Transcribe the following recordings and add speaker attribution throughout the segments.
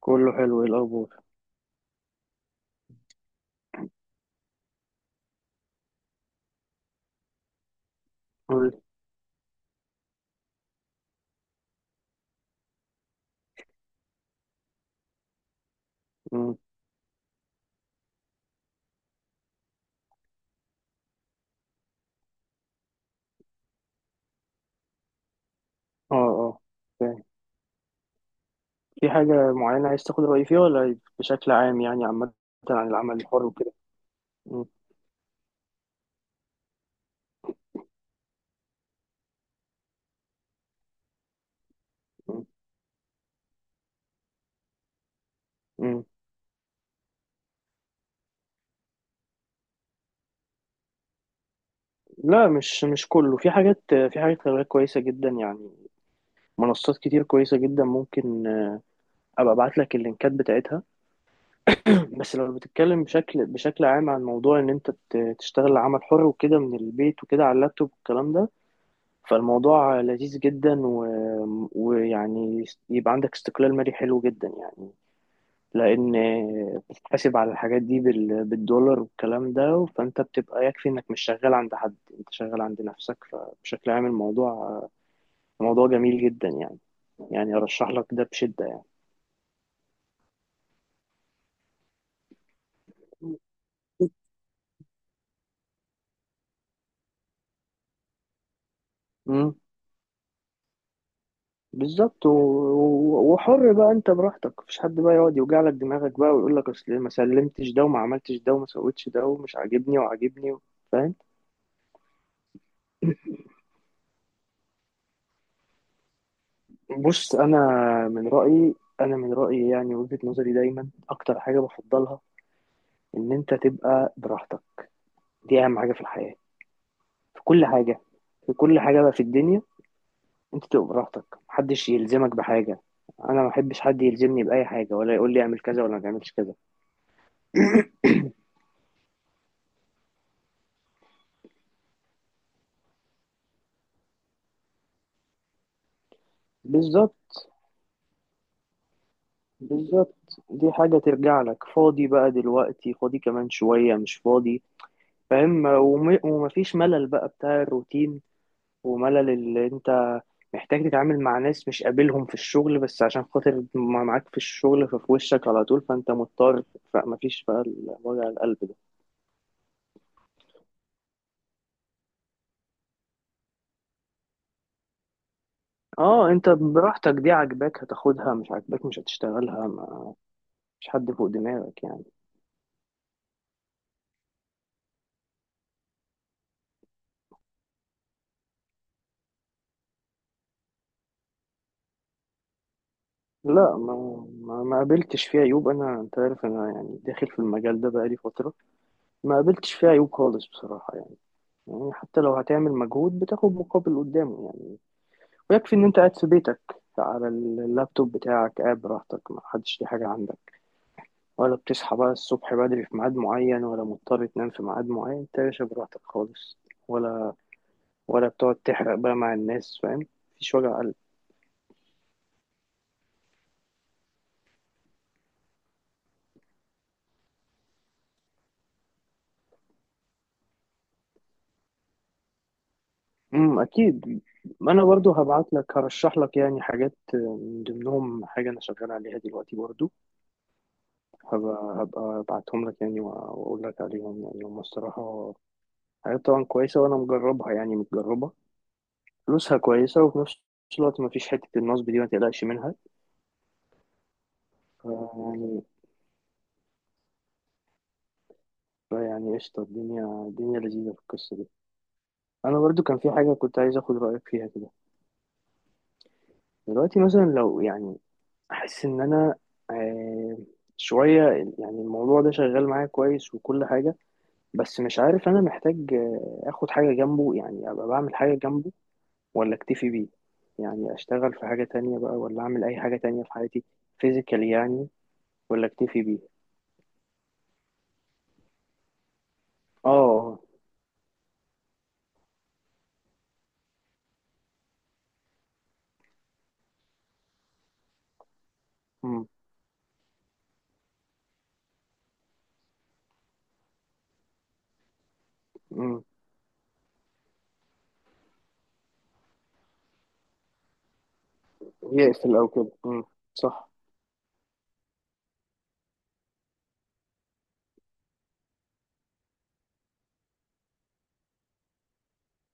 Speaker 1: كله حلو، ايه الاخبار؟ قول. مم. اه، اه. فاهم. في حاجه معينه عايز تاخد رايي فيها ولا بشكل عام، يعني عامه عن العمل الحر وكده؟ مم. مم. مم. لا، مش كله. في حاجات، في حاجات خلي بالك كويسه جدا يعني. منصات كتير كويسه جدا، ممكن ابقى ابعت لك اللينكات بتاعتها. بس لو بتتكلم بشكل عام عن موضوع ان انت تشتغل عمل حر وكده من البيت وكده على اللابتوب والكلام ده، فالموضوع لذيذ جدا ويعني يبقى عندك استقلال مالي حلو جدا يعني. لان بتتحاسب على الحاجات دي بالدولار والكلام ده، فانت بتبقى يكفي انك مش شغال عند حد، انت شغال عند نفسك. فبشكل عام موضوع جميل جدا يعني ارشح لك ده بشدة يعني. امم بالظبط. وحر بقى انت براحتك، مفيش حد بقى يقعد يوجع لك دماغك بقى ويقول لك اصل ما سلمتش ده وما عملتش ده وما سويتش ده ومش عاجبني وعاجبني. فاهم. بص، من رأيي انا من رأيي يعني، وجهة نظري دايما اكتر حاجة بفضلها ان انت تبقى براحتك. دي اهم حاجه في الحياه، في كل حاجه. في كل حاجه بقى في الدنيا، انت تبقى براحتك محدش يلزمك بحاجه. انا ما بحبش حد يلزمني باي حاجه ولا يقول لي اعمل كذا ولا ما تعملش كذا. بالظبط، بالظبط. دي حاجه ترجع لك فاضي بقى دلوقتي، فاضي كمان شويه مش فاضي. فاهم. ومفيش ملل بقى بتاع الروتين، وملل اللي انت محتاج تتعامل مع ناس مش قابلهم في الشغل بس عشان خاطر ما معاك في الشغل ففي وشك على طول فانت مضطر. فمفيش بقى وجع القلب ده. اه، انت براحتك، دي عاجباك هتاخدها مش عاجباك مش هتشتغلها ما. مش حد فوق دماغك يعني. لا، ما قابلتش فيه عيوب انا. انت عارف انا يعني داخل في المجال ده بقالي فترة. ما قابلتش فيه عيوب خالص بصراحة يعني. يعني حتى لو هتعمل مجهود بتاخد مقابل قدامه يعني. ويكفي ان انت قاعد في بيتك، على اللابتوب بتاعك، قاعد براحتك ما حدش ليه حاجة عندك. ولا بتصحى بقى الصبح بدري في ميعاد معين، ولا مضطر تنام في ميعاد معين، انت يا باشا براحتك خالص. ولا ولا بتقعد تحرق بقى مع الناس. فاهم. مفيش وجع قلب. اكيد. ما انا برضو هبعت لك، هرشح لك يعني حاجات من ضمنهم حاجه انا شغال عليها دلوقتي برضو. هبقى ابعتهم لك يعني، واقول لك عليهم يعني، هم الصراحه حاجات طبعا كويسه وانا مجربها يعني متجربه. فلوسها كويسه وفي نفس الوقت ما فيش حته النصب دي ما تقلقش منها. يعني فيعني قشطة الدنيا. الدنيا لذيذة في القصة دي. أنا برضو كان في حاجة كنت عايز أخد رأيك فيها كده. دلوقتي مثلا لو يعني، أحس إن أنا آه شوية يعني الموضوع ده شغال معايا كويس وكل حاجة، بس مش عارف أنا محتاج أخد حاجة جنبه، يعني أبقى بعمل حاجة جنبه ولا أكتفي بيه، يعني أشتغل في حاجة تانية بقى ولا أعمل أي حاجة تانية في حياتي فيزيكالي يعني، ولا أكتفي بيه. آه. أمم، أمم. يقفل أو كده. صح.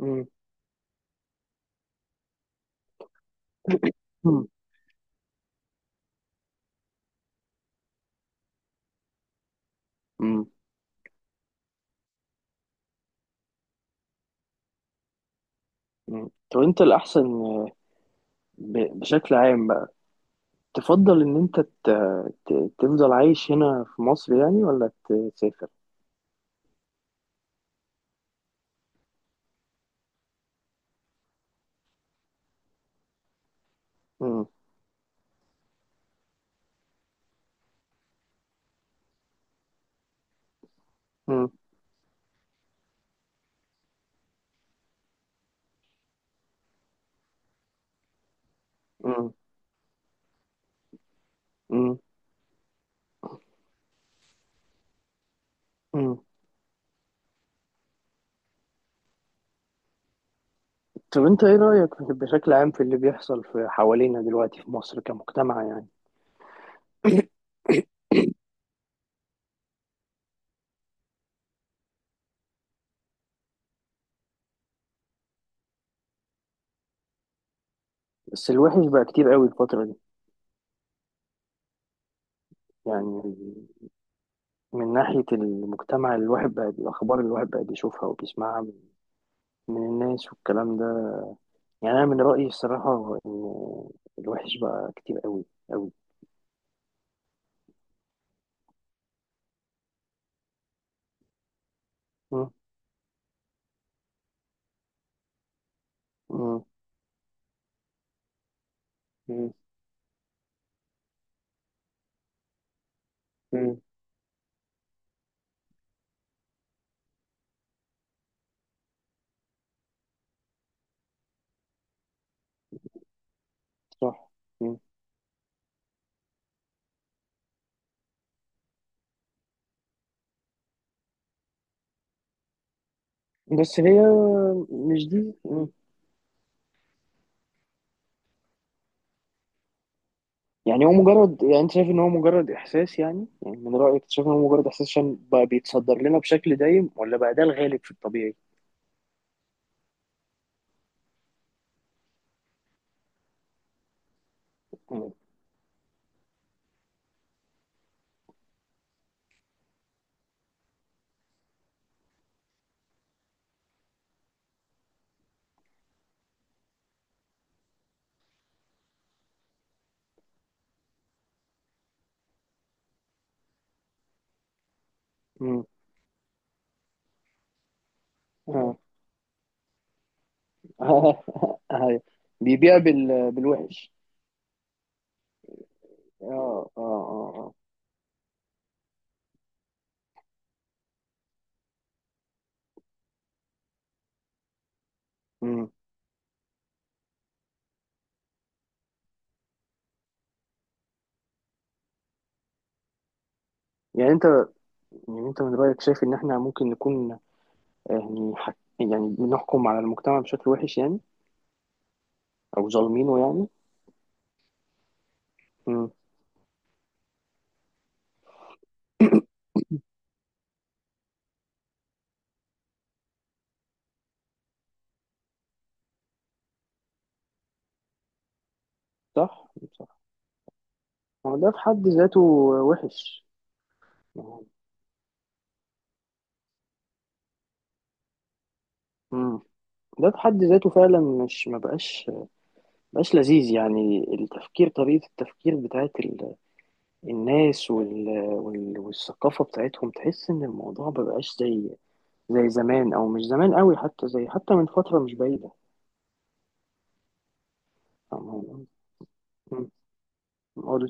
Speaker 1: أمم، أمم. مم. طب انت الاحسن بشكل عام بقى، تفضل ان انت تفضل عايش هنا في مصر يعني ولا تسافر؟ مم. مم. مم. مم. مم. طب انت ايه رأيك بشكل عام في اللي بيحصل في حوالينا دلوقتي في مصر كمجتمع يعني؟ بس الوحش بقى كتير قوي الفترة دي. يعني من ناحية المجتمع اللي الواحد بقى، الأخبار اللي الواحد بقى بيشوفها وبيسمعها من الناس والكلام ده، يعني أنا من رأيي الصراحة إن الوحش بقى كتير قوي، قوي. مم. مم. صح. مم. بس هي مش دي. مم. يعني هو مجرد، يعني انت شايف ان هو مجرد احساس، يعني من رأيك أنت شايف ان هو مجرد احساس عشان بقى بيتصدر لنا بشكل دايم، ولا بقى ده الغالب في الطبيعي؟ مم. مم. آه. أيوة. بيبيع بالوحش. اه، اه، اه، آه. مم. يعني انت يعني انت من رأيك شايف ان احنا ممكن نكون، يعني يعني بنحكم على المجتمع بشكل وحش يعني، او ظالمينه يعني. مم. صح. ما هو ده في حد ذاته وحش. مم. ده في حد ذاته فعلا مش ما بقاش لذيذ يعني التفكير، طريقة التفكير بتاعت الناس والثقافة بتاعتهم، تحس إن الموضوع ما بقاش زي زمان، أو مش زمان قوي حتى، زي حتى من فترة مش بعيدة. فاهم قصدي؟ مم. قولي.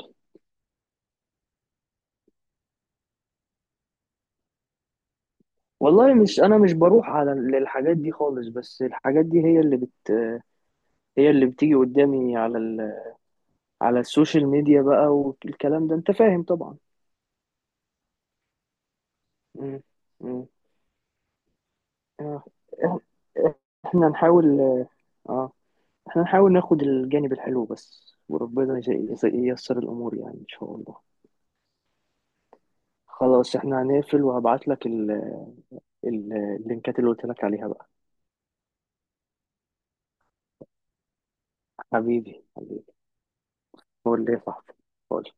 Speaker 1: والله مش أنا مش بروح للحاجات دي خالص، بس الحاجات دي هي اللي بتيجي قدامي على السوشيال ميديا بقى والكلام ده أنت فاهم طبعا. مم. مم. آه. إح- إح- احنا نحاول اه احنا نحاول ناخد الجانب الحلو بس، وربنا ييسر الامور يعني ان شاء الله. خلاص احنا هنقفل وهبعت لك اللينكات اللي قلت لك عليها بقى. حبيبي، حبيبي. قول لي يا صاحبي، قول.